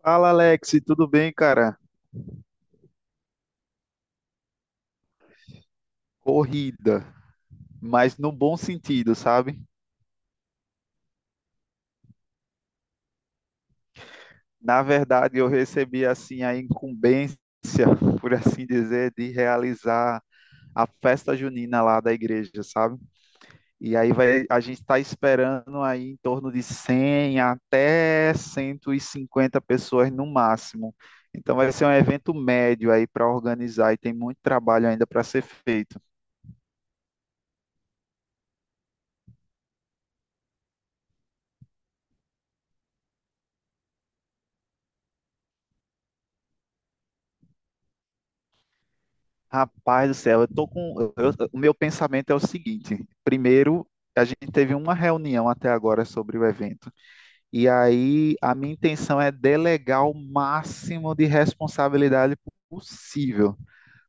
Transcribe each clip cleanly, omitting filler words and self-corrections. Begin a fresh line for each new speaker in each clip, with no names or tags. Fala, Alex, tudo bem, cara? Corrida, mas no bom sentido, sabe? Na verdade, eu recebi assim a incumbência, por assim dizer, de realizar a festa junina lá da igreja, sabe? E aí vai, a gente está esperando aí em torno de 100 até 150 pessoas no máximo. Então vai ser um evento médio aí para organizar e tem muito trabalho ainda para ser feito. Rapaz do céu, eu tô com. Eu- o meu pensamento é o seguinte: primeiro, a gente teve uma reunião até agora sobre o evento, e aí a minha intenção é delegar o máximo de responsabilidade possível.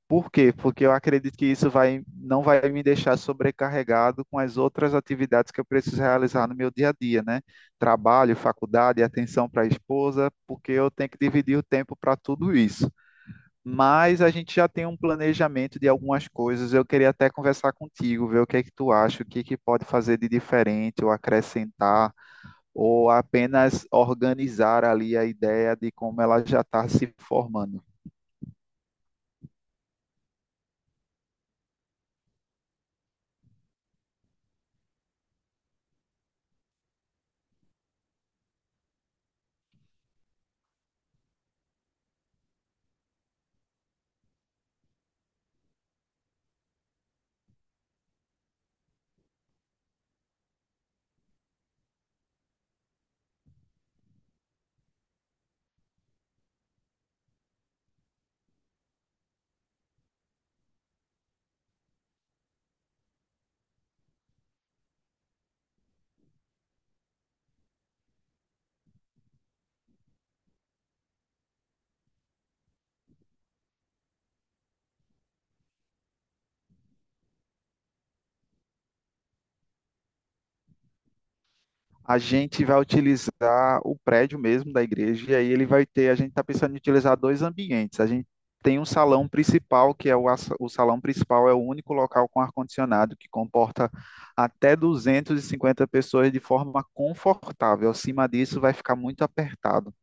Por quê? Porque eu acredito que não vai me deixar sobrecarregado com as outras atividades que eu preciso realizar no meu dia a dia, né? Trabalho, faculdade, atenção para a esposa, porque eu tenho que dividir o tempo para tudo isso, mas a gente já tem um planejamento de algumas coisas. Eu queria até conversar contigo, ver o que é que tu acha, o que é que pode fazer de diferente ou acrescentar, ou apenas organizar ali a ideia de como ela já está se formando. A gente vai utilizar o prédio mesmo da igreja, e aí ele vai ter, a gente está pensando em utilizar dois ambientes. A gente tem um salão principal, o salão principal é o único local com ar-condicionado, que comporta até 250 pessoas de forma confortável. Acima disso, vai ficar muito apertado.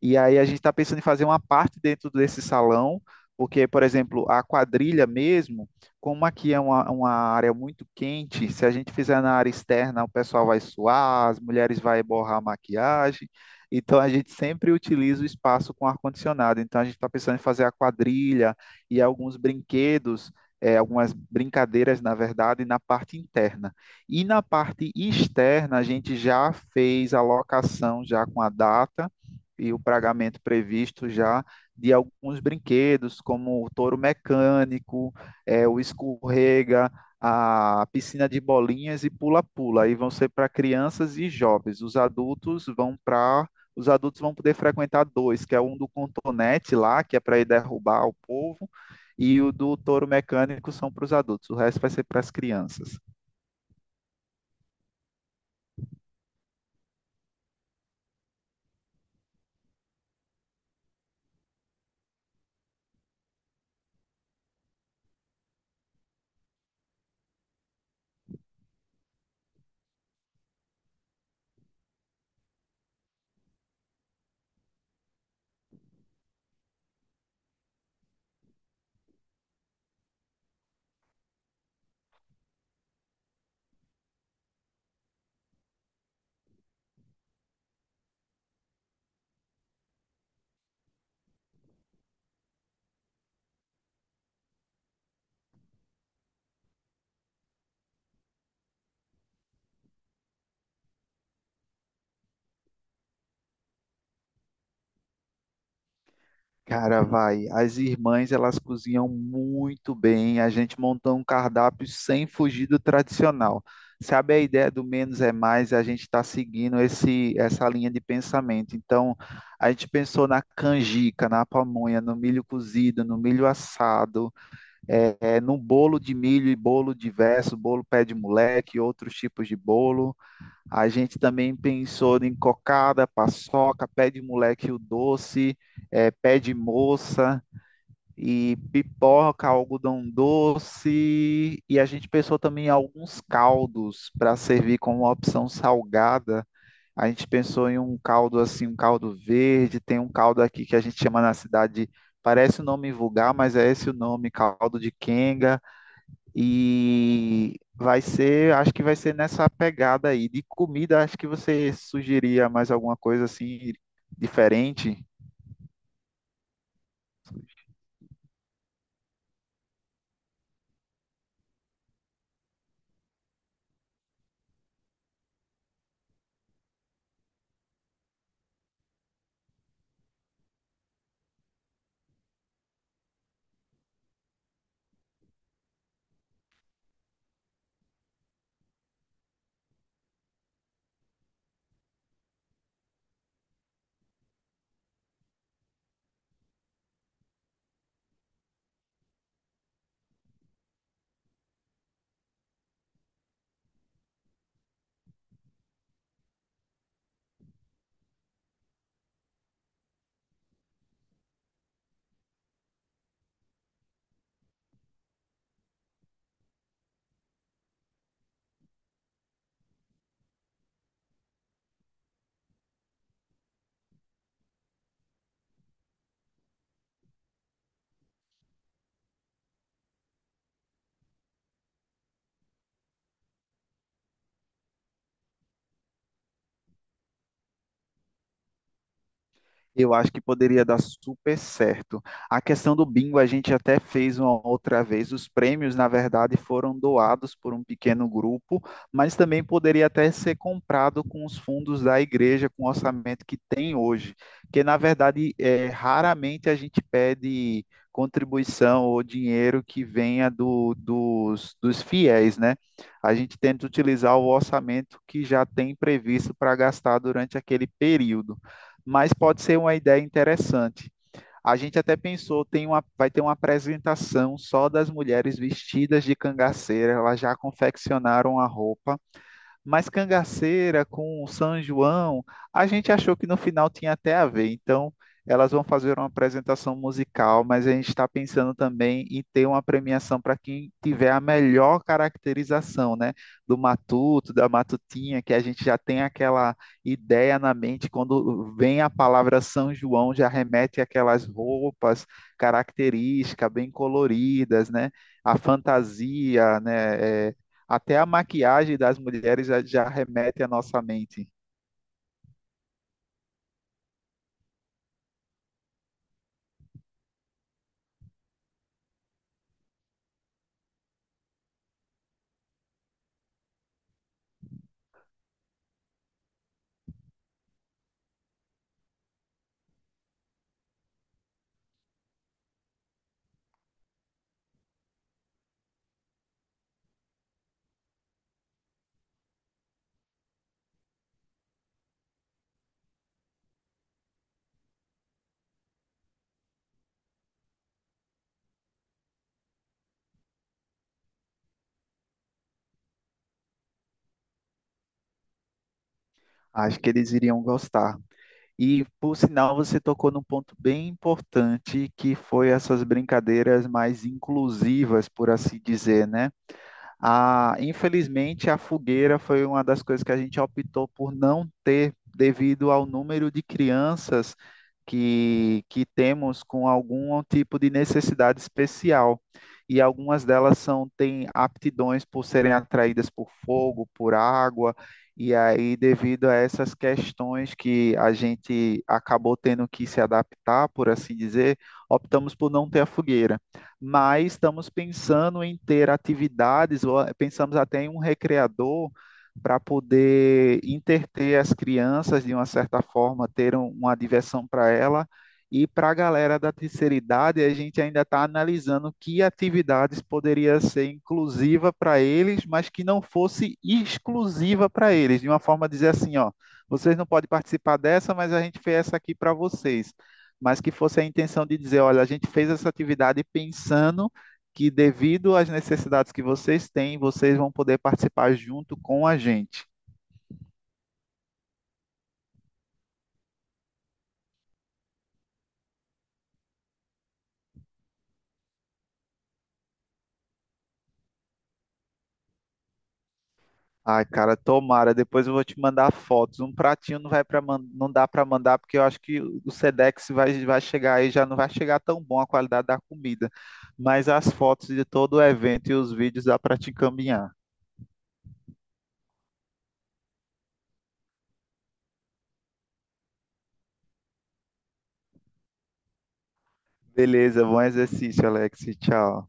E aí a gente está pensando em fazer uma parte dentro desse salão, porque, por exemplo, a quadrilha mesmo, como aqui é uma área muito quente, se a gente fizer na área externa, o pessoal vai suar, as mulheres vão borrar a maquiagem. Então a gente sempre utiliza o espaço com ar-condicionado. Então a gente está pensando em fazer a quadrilha e alguns brinquedos, algumas brincadeiras, na verdade, na parte interna. E na parte externa, a gente já fez a locação já com a data e o pagamento previsto já de alguns brinquedos, como o touro mecânico, é, o escorrega, a piscina de bolinhas e pula-pula. Aí vão ser para crianças e jovens. Os adultos vão poder frequentar dois, que é um do contonete lá, que é para ir derrubar o povo, e o do touro mecânico são para os adultos. O resto vai ser para as crianças. Cara, vai. As irmãs, elas cozinham muito bem. A gente montou um cardápio sem fugir do tradicional. Sabe a ideia do menos é mais? A gente está seguindo essa linha de pensamento. Então, a gente pensou na canjica, na pamonha, no milho cozido, no milho assado, no bolo de milho e bolo diverso, bolo pé de moleque, outros tipos de bolo. A gente também pensou em cocada, paçoca, pé de moleque o doce, pé de moça e pipoca, algodão doce. E a gente pensou também em alguns caldos para servir como uma opção salgada. A gente pensou em um caldo assim, um caldo verde. Tem um caldo aqui que a gente chama na cidade, parece um nome vulgar, mas é esse o nome, caldo de quenga. E vai ser, acho que vai ser nessa pegada aí. De comida, acho que você sugeria mais alguma coisa assim diferente? Eu acho que poderia dar super certo. A questão do bingo a gente até fez uma outra vez. Os prêmios, na verdade, foram doados por um pequeno grupo, mas também poderia até ser comprado com os fundos da igreja, com o orçamento que tem hoje. Porque, na verdade, é, raramente a gente pede contribuição ou dinheiro que venha dos fiéis, né? A gente tenta utilizar o orçamento que já tem previsto para gastar durante aquele período, mas pode ser uma ideia interessante. A gente até pensou, tem uma, vai ter uma apresentação só das mulheres vestidas de cangaceira, elas já confeccionaram a roupa mais cangaceira com o São João, a gente achou que no final tinha até a ver. Então, elas vão fazer uma apresentação musical, mas a gente está pensando também em ter uma premiação para quem tiver a melhor caracterização, né? Do matuto, da matutinha, que a gente já tem aquela ideia na mente quando vem a palavra São João, já remete aquelas roupas características, bem coloridas, né? A fantasia, né? É, até a maquiagem das mulheres já remete à nossa mente. Acho que eles iriam gostar. E, por sinal, você tocou num ponto bem importante, que foi essas brincadeiras mais inclusivas, por assim dizer, né? A, infelizmente, a fogueira foi uma das coisas que a gente optou por não ter, devido ao número de crianças que temos com algum tipo de necessidade especial. E algumas delas são, têm aptidões por serem atraídas por fogo, por água, e aí, devido a essas questões que a gente acabou tendo que se adaptar, por assim dizer, optamos por não ter a fogueira, mas estamos pensando em ter atividades, ou pensamos até em um recreador para poder interter as crianças de uma certa forma, ter uma diversão para ela. E para a galera da terceira idade, a gente ainda está analisando que atividades poderia ser inclusiva para eles, mas que não fosse exclusiva para eles, de uma forma dizer assim, ó, vocês não podem participar dessa, mas a gente fez essa aqui para vocês, mas que fosse a intenção de dizer, olha, a gente fez essa atividade pensando que devido às necessidades que vocês têm, vocês vão poder participar junto com a gente. Ai, cara, tomara. Depois eu vou te mandar fotos. Um pratinho não vai para não dá para mandar porque eu acho que o Sedex vai chegar aí já não vai chegar tão bom a qualidade da comida, mas as fotos de todo o evento e os vídeos dá para te encaminhar. Beleza, bom exercício, Alex. Tchau.